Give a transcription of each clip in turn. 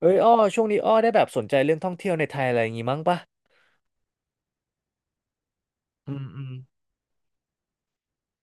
เอ้ยอ้อช่วงนี้อ้อได้แบบสนใจเรื่องท่องเที่ยวในไทยอะไรอย่างงี้มั้งปะอืมอืม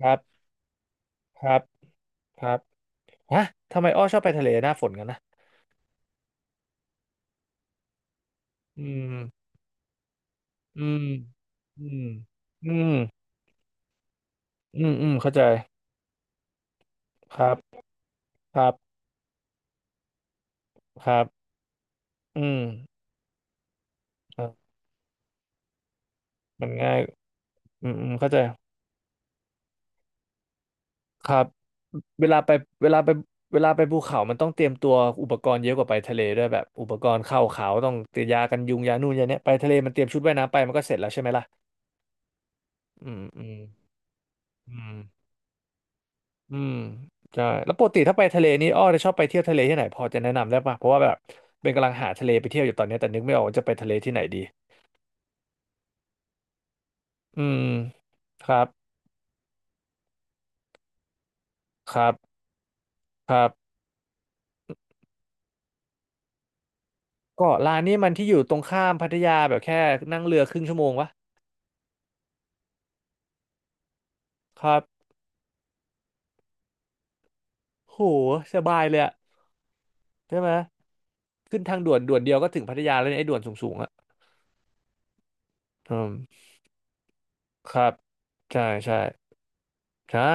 ครับครับครับฮะทำไมอ้อชอบไปทะเลหน้าฝนกันนะอืมอืมอืมอืมอืมอืมเข้าใจครับครับครับอืมเอ่มันง่ายอืมอืมเข้าใจครับเวลาไปเวลาไปเวลาไปภูเขามันต้องเตรียมตัวอุปกรณ์เยอะกว่าไปทะเลด้วยแบบอุปกรณ์เข้าเขาต้องเตรียมยากันยุงยานู่นยาเนี้ยไปทะเลมันเตรียมชุดว่ายน้ำไปมันก็เสร็จแล้วใช่ไหมล่ะอืมอืมอืม อืมใช่แล้วปกติถ้าไปทะเลนี่อ้อจะชอบไปเที่ยวทะเลที่ไหนพอจะแนะนำได้ป่ะเพราะว่าแบบเป็นกำลังหาทะเลไปเที่ยวอยู่ตอนนี้แต่นึกไม่ออกว่าจะไปทะเลที่ไหนดีอืมครับครับครับเก็ร้านนี้มันที่อยู่ตรงข้ามพัทยาแบบแค่นั่งเรือครึ่งชั่วโมงวะครับโหสบายเลยอะใช่ไหมขึ้นทางด่วนเดียวก็ถึงพัทยาแล้วเนี่ยไอ้ด่วนสูงๆอะอืมครับใช่ใช่ใช่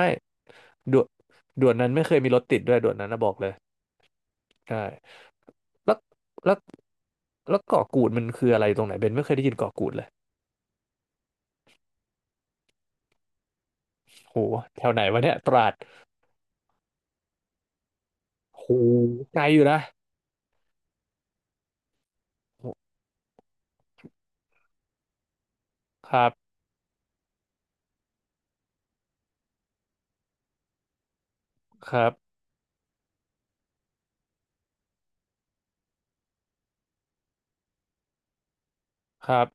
ด่วนด่วนนั้นไม่เคยมีรถติดด้วยด่วนนั้นนะบอกเลยใช่แล้วแล้ว แล้วเกาะกูดมันคืออะไรตรงไหนเบนไม่เคยได้ยินเกาะกูดเลยโหแถวไหนวะเนี่ยตราดโหไกลอยู่นะ ครับ ครับ ครับ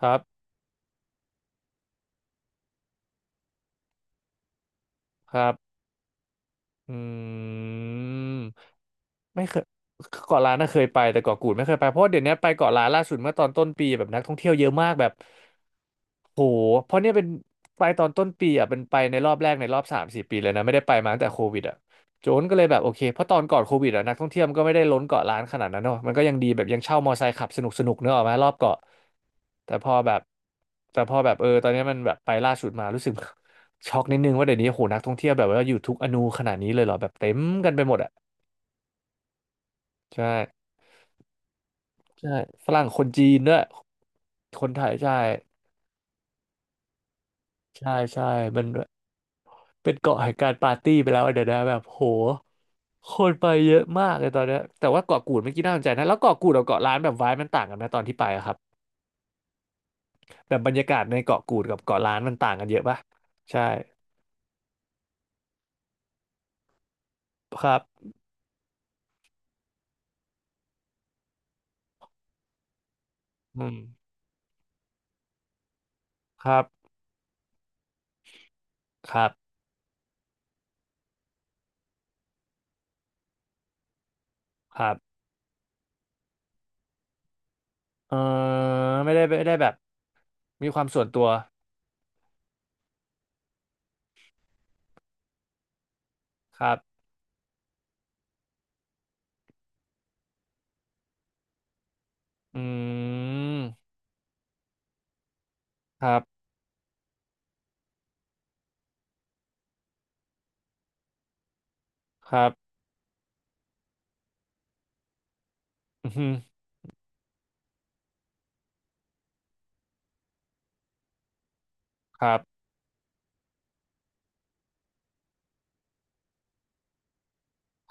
ครับ ครับ อืมไม่เคยเกาะล้านน่ะเคยไปแต่เกาะกูดไม่เคยไปเพราะว่าเดี๋ยวนี้ไปเกาะล้านล่าสุดเมื่อตอนต้นปีแบบนักท่องเที่ยวเยอะมากแบบโหเพราะเนี่ยเป็นไปตอนต้นปีอ่ะเป็นไปในรอบแรกในรอบสามสี่ปีเลยนะไม่ได้ไปมาตั้งแต่โควิดอ่ะโจนก็เลยแบบโอเคเพราะตอนก่อนโควิดอ่ะนักท่องเที่ยวมันก็ไม่ได้ล้นเกาะล้านขนาดนั้นเนอะมันก็ยังดีแบบยังเช่ามอไซค์ขับสนุกสนุกเนอะออกมารอบเกาะแต่พอแบบแต่พอแบบเออตอนนี้มันแบบไปล่าสุดมารู้สึก ช็อกนิดนึงว่าเดี๋ยวนี้โหนักท่องเที่ยวแบบว่าอยู่ทุกอนูขนาดนี้เลยเหรอแบบเต็มกันไปหมดอ่ะใช่ใช่ฝรั่งคนจีนด้วยคนไทยใช่ใช่ใช่มันเป็นเกาะแห่งการปาร์ตี้ไปแล้วอะเดี๋ยวนะแบบโหคนไปเยอะมากเลยตอนเนี้ยแต่ว่าเกาะกูดเมื่อกี้น่าสนใจนะแล้วเกาะกูดกับเกาะล้านแบบไวบ์มันต่างกันไหมตอนที่ไปอะครับแบบบรรยากาศในเกาะกูดกับเกาะล้านมันต่างกันเยอะปะใช่ครับอืมครับครับครับเออไม่ได้แบบมีความส่วนตัวครับ อืมครับครับอือฮึครับ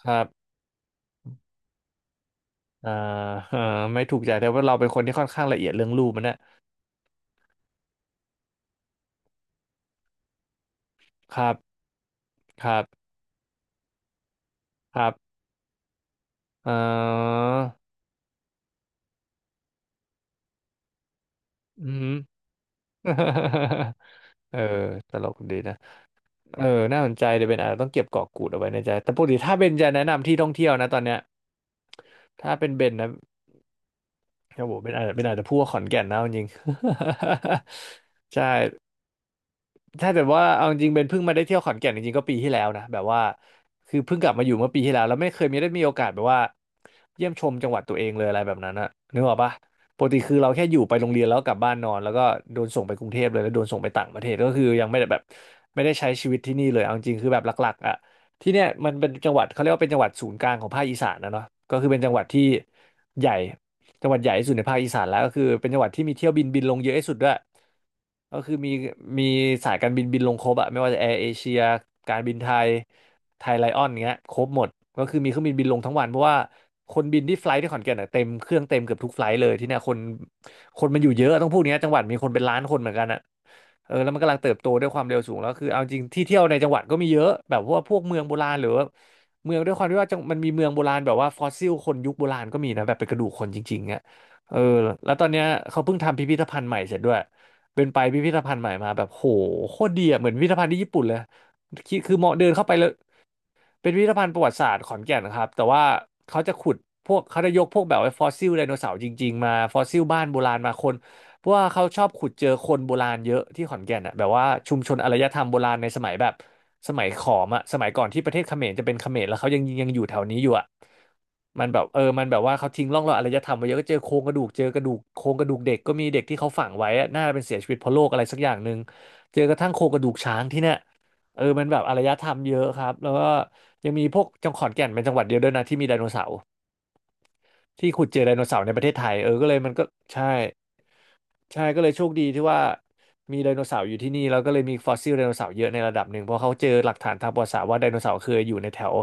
ครับอ่า เออไม่ถูกใจแต่ว่าเราเป็นคนที่ค่อนข้างละเอียดเรื่องรูปมันนะครับครับครับอ่าอือฮึ เออตลกดีนะเออน่าสนใจเดี๋ยวเบนอาจจะต้องเก็บกาะกูดเอาไว้ในใจแต่ปกติถ้าเบนจะแนะนำที่ท่องเที่ยวนะตอนเนี้ยถ้าเป็นเบนนะโอ้โหเบนอาจจะพูดว่าขอนแก่นนะเอาจริง ใช่ ถ้าแต่ว่าเอาจริงๆเป็นเพิ่งมาได้เที่ยวขอนแก่นจริงๆก็ปีที่แล้วนะแบบว่าคือเพิ่งกลับมาอยู่เมื่อปีที่แล้วแล้วไม่เคยมีได้มีโอกาสแบบว่าเยี่ยมชมจังหวัดตัวเองเลยอะไรแบบนั้นอะนึกออกปะปกติคือเราแค่อยู่ไปโรงเรียนแล้วกลับบ้านนอนแล้วก็โดนส่งไปกรุงเทพเลยแล้วโดนส่งไปต่างประเทศก็คือยังไม่ได้แบบไม่ได้ใช้ชีวิตที่นี่เลยเอาจริงๆคือแบบหลักๆอะที่เนี่ยมันเป็นจังหวัดเขาเรียกว่าเป็นจังหวัดศูนย์กลางของภาคอีสานนะเนาะก็คือเป็นจังหวัดที่ใหญ่ จังหวัดใหญ่ที่สุดในภาคอีสานแล้วก็คือเป็นจังหวัดที่มีเที่ยวบินบินลงเยอะที่สุดด้วยก็คือมีสายการบินบินลงครบอะไม่ว่าจะแอร์เอเชียการบินไทยไทยไลออนเงี้ยครบหมดก็คือมีเครื่องบินบินลงทั้งวันเพราะว่าคนบินที่ไฟล์ทที่ขอนแก่นอะเต็มเครื่องเต็มเกือบทุกไฟลท์เลยที่เนี่ยคนมันอยู่เยอะต้องพูดอย่างเงี้ยจังหวัดมีคนเป็นล้านคนเหมือนกันอะเออแล้วมันกำลังเติบโตด้วยความเร็วสูงแล้วคือเอาจริงที่เที่ยวในจังหวัดก็มีเยอะแบบว่าพวกเมืองโบราณหรือว่า เมืองด้วยความที่ว่าจังมันมีเมืองโบราณแบบว่าฟอสซิลคนยุคโบราณก็มีนะแบบเป็นกระดูกคนจริงๆอ่ะเออแล้วตอนเนี้ยเขาเพิ่งทำพิพิธภัณฑ์ใหม่เสร็จด้วยเป็นไปพิพิธภัณฑ์ใหม่มาแบบโหโคตรดีอ่ะเหมือนพิพิธภัณฑ์ที่ญี่ปุ่นเลยคิดคือเหมาะเดินเข้าไปแล้ว เป็นพิพิธภัณฑ์ประวัติศาสตร์ขอนแก่นนะครับแต่ว่าเขาจะขุดพวกเขาจะยกพวกแบบว่าฟอสซิลไดโนเสาร์จริงๆมาฟอสซิลบ้านโบราณมาคนเพราะว่าเขาชอบขุดเจอคนโบราณเยอะที่ขอนแก่นอ่ะแบบว่าชุมชนอารยธรรมโบราณในสมัยแบบสมัยขอมอ่ะสมัยก่อนที่ประเทศเขมรจะเป็นเขมรแล้วเขายังอยู่แถวนี้อยู่อ่ะมันแบบเออมันแบบว่าเขาทิ้งร่องรอยอารยธรรมไว้เยอะก็เจอโครงกระดูกเจอกระดูกโครงกระดูกเด็กก็มีเด็กที่เขาฝังไว้อะน่าจะเป็นเสียชีวิตเพราะโรคอะไรสักอย่างหนึ่งเจอกระทั่งโครงกระดูกช้างที่เนี่ยเออมันแบบอารยธรรมเยอะครับแล้วก็ ยังมีพวกจังหวัดขอนแก่นเป็นจังหวัดเดียวด้วยนะที่มีไดโนเสาร์ที่ขุดเจอไดโนเสาร์ในประเทศไทยเออก็เลยมันก็ใช่ใช่ก็เลยโชคดีที่ว่ามีไดโนเสาร์อยู่ที่นี่แล้วก็เลยมีฟอสซิลไดโนเสาร์เยอะในระดับหนึ่งเพราะเขาเจอหลักฐานทางประวัติศาสตร์ว่าไดโนเสาร์เคยอยู่ในแถว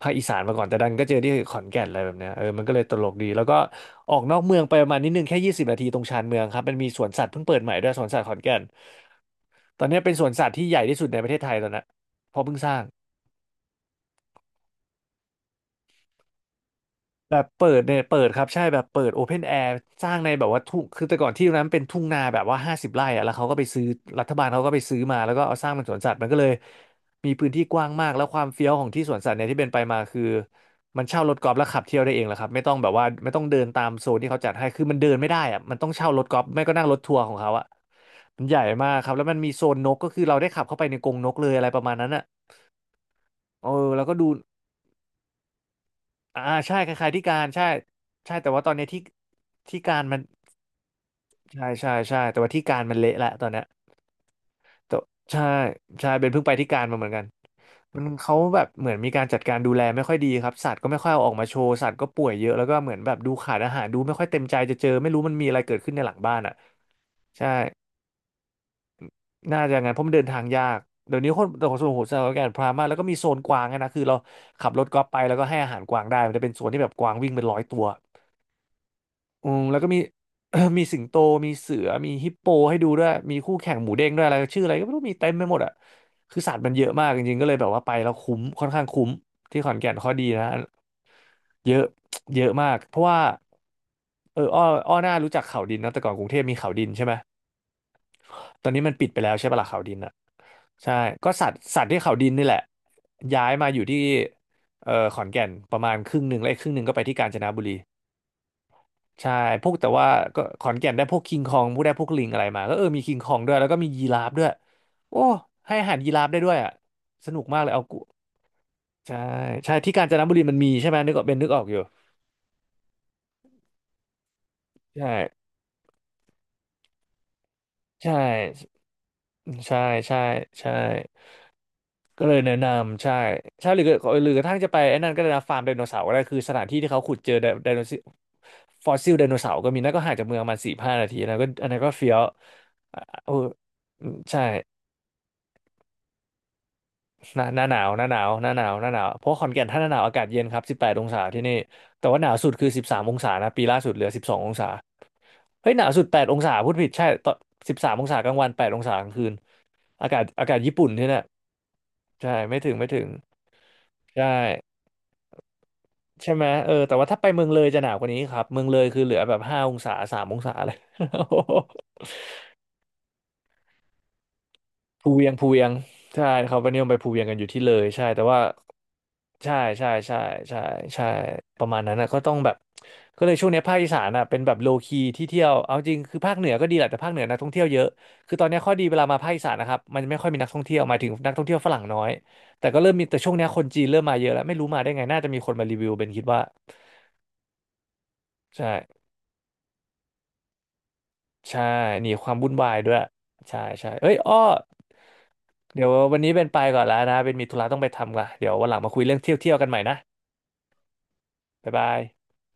ภาคอีสานมาก่อนแต่ดันก็เจอที่ขอนแก่นอะไรแบบเนี้ยเออมันก็เลยตลกดีแล้วก็ออกนอกเมืองไปประมาณนิดนึงแค่20 นาทีตรงชานเมืองครับมันมีสวนสัตว์เพิ่งเปิดใหม่ด้วยสวนสัตว์ขอนแก่นตอนเนี้ยเป็นสวนสัตว์ที่ใหญ่ที่สุดในประเทศไทยตอนนี้เพราะเพิ่งสร้าง แบบเปิดเนี่ยเปิดครับใช่แบบเปิดโอเพนแอร์สร้างในแบบว่าทุ่งคือแต่ก่อนที่ตรงนั้นเป็นทุ่งนาแบบว่า50 ไร่อะแล้วเขาก็ไปซื้อรัฐบาลเขาก็ไปซื้อมาแล้วก็เอาสร้างเป็นสวนสัตว์มันก็เลยมีพื้นที่กว้างมากแล้วความเฟี้ยวของที่สวนสัตว์เนี่ยที่เป็นไปมาคือมันเช่ารถกอล์ฟแล้วขับเที่ยวได้เองแหละครับไม่ต้องแบบว่าไม่ต้องเดินตามโซนที่เขาจัดให้คือมันเดินไม่ได้อะมันต้องเช่ารถกอล์ฟไม่ก็นั่งรถทัวร์ของเขาอะมันใหญ่มากครับแล้วมันมีโซนนกก็คือเราได้ขับเข้าไปในกรงนกเลยอะไรประมาณนั้นอะเออแล้วก็ดู อ่าใช่คล้ายๆที่การใช่ใช่แต่ว่าตอนเนี้ยที่ที่การมันใช่ใช่ใช่แต่ว่าที่การมันเละละตอนเนี้ยแต่ใช่ใช่เป็นเพิ่งไปที่การมาเหมือนกันมันเขาแบบเหมือนมีการจัดการดูแลไม่ค่อยดีครับสัตว์ก็ไม่ค่อยเอาออกมาโชว์สัตว์ก็ป่วยเยอะแล้วก็เหมือนแบบดูขาดอาหารดูไม่ค่อยเต็มใจจะเจอไม่รู้มันมีอะไรเกิดขึ้นในหลังบ้านอ่ะใช่น่าจะงั้นเพราะมันเดินทางยากเดี๋ยวนี้คนแต่ของส่วนของผมสถาการณพรามากแล้วก็มีโซนกวางอะนะคือเราขับรถกอล์ฟไปแล้วก็ให้อาหารกวางได้มันจะเป็นโซนที่แบบกวางวิ่งเป็นร้อยตัว อืมแล้วก็มี มีสิงโตมีเสือมีฮิปโปให้ดูด้วยมีคู่แข่งหมูเด้งด้วยอะไรชื่ออะไรก็ไม่รู้มีเต็มไปหมดอ่ะคือสัตว์มันเยอะมากจริงๆก็เลยแบบว่าไปแล้วคุ้มค่อนข้างคุ้มที่ขอนแก่นข้อดีนะเยอะเยอะมากเพราะว่าเอออ้อหน้ารู้จักเขาดินนะแต่ก่อนกรุงเทพมีเขาดินใช่ไหมตอนนี้มันปิดไปแล้วใช่ปะล่ะเขาดินอ่ะใช่ก็สัตว์ที่เขาดินนี่แหละย้ายมาอยู่ที่ขอนแก่นประมาณครึ่งหนึ่งและอีกครึ่งหนึ่งก็ไปที่กาญจนบุรี ใช่พวกแต่ว่าก็ขอนแก่นได้พวกคิงคองพวกได้พวกลิงอะไรมาก็มีคิงคองด้วยแล้วก็มียีราฟด้วยโอ้ให้อาหารยีราฟได้ด้วยอ่ะสนุกมากเลยเอากูใช่ใช่ที่กาญจนบุรีมันมีใช่ไหมนึกออกเป็นนึกออกอยู่ใช่ใช่ใช่ใช่ใช่ก็เลยแนะนำใช่ใช่หรือก็หรือกระทั่งจะไปไอ้นั่นก็ได้นะฟาร์มไดโนเสาร์ก็ได้คือสถานที่ที่เขาขุดเจอไดไดโนเสาร์ฟอสซิลไดโนเสาร์ก็มีนั่นก็ห่างจากเมืองประมาณสี่ห้านาทีนะก็อันนั้นก็เฟี้ยวอ่ะโอ้ใช่ หน้าหน้าหนาวหน้าหนาวหน้าหนาวหน้าหนาวเพราะขอนแก่นถ้าหน้าหนาวอากาศเย็นครับ18 องศาที่นี่แต่ว่าหนาวสุดคือสิบสามองศานะปีล่าสุดเหลือ12 องศาเฮ้ยหนาวสุดแปดองศาพูดผิดใช่ตอนสิบสามองศากลางวันแปดองศากลางคืนอากาศญี่ปุ่นที่เนี่ยใช่ไม่ถึงใช่ใช่ไหมแต่ว่าถ้าไปเมืองเลยจะหนาวกว่านี้ครับเมืองเลยคือเหลือแบบ5 องศาสามองศาเลย ภูเวียงใช่เขาไปนิยมไปภูเวียงกันอยู่ที่เลยใช่แต่ว่าใช่ใช่ใช่ใช่ใช่ประมาณนั้นนะก็ต้องแบบก็เลยช่วงเนี้ยภาคอีสานอ่ะเป็นแบบโลคีที่เที่ยวเอาจริงคือภาคเหนือก็ดีแหละแต่ภาคเหนือนักท่องเที่ยวเยอะคือตอนเนี้ยข้อดีเวลามาภาคอีสานนะครับมันไม่ค่อยมีนักท่องเที่ยวหมายถึงนักท่องเที่ยวฝรั่งน้อยแต่ก็เริ่มมีแต่ช่วงเนี้ยคนจีนเริ่มมาเยอะแล้วไม่รู้มาได้ไงน่าจะมีคนมารีวิวเป็นคิดว่าใช่ ใช่หนีความวุ่นวายด้วย ใช่ ใช่เอ้ยอ้อเดี๋ยววันนี้เป็นไปก่อนแล้วนะ เป็นมีธุระต้องไปทำก่อนเดี๋ยววันหลังมาคุยเรื่องเที่ยวกันใหม่นะบ๊ายบาย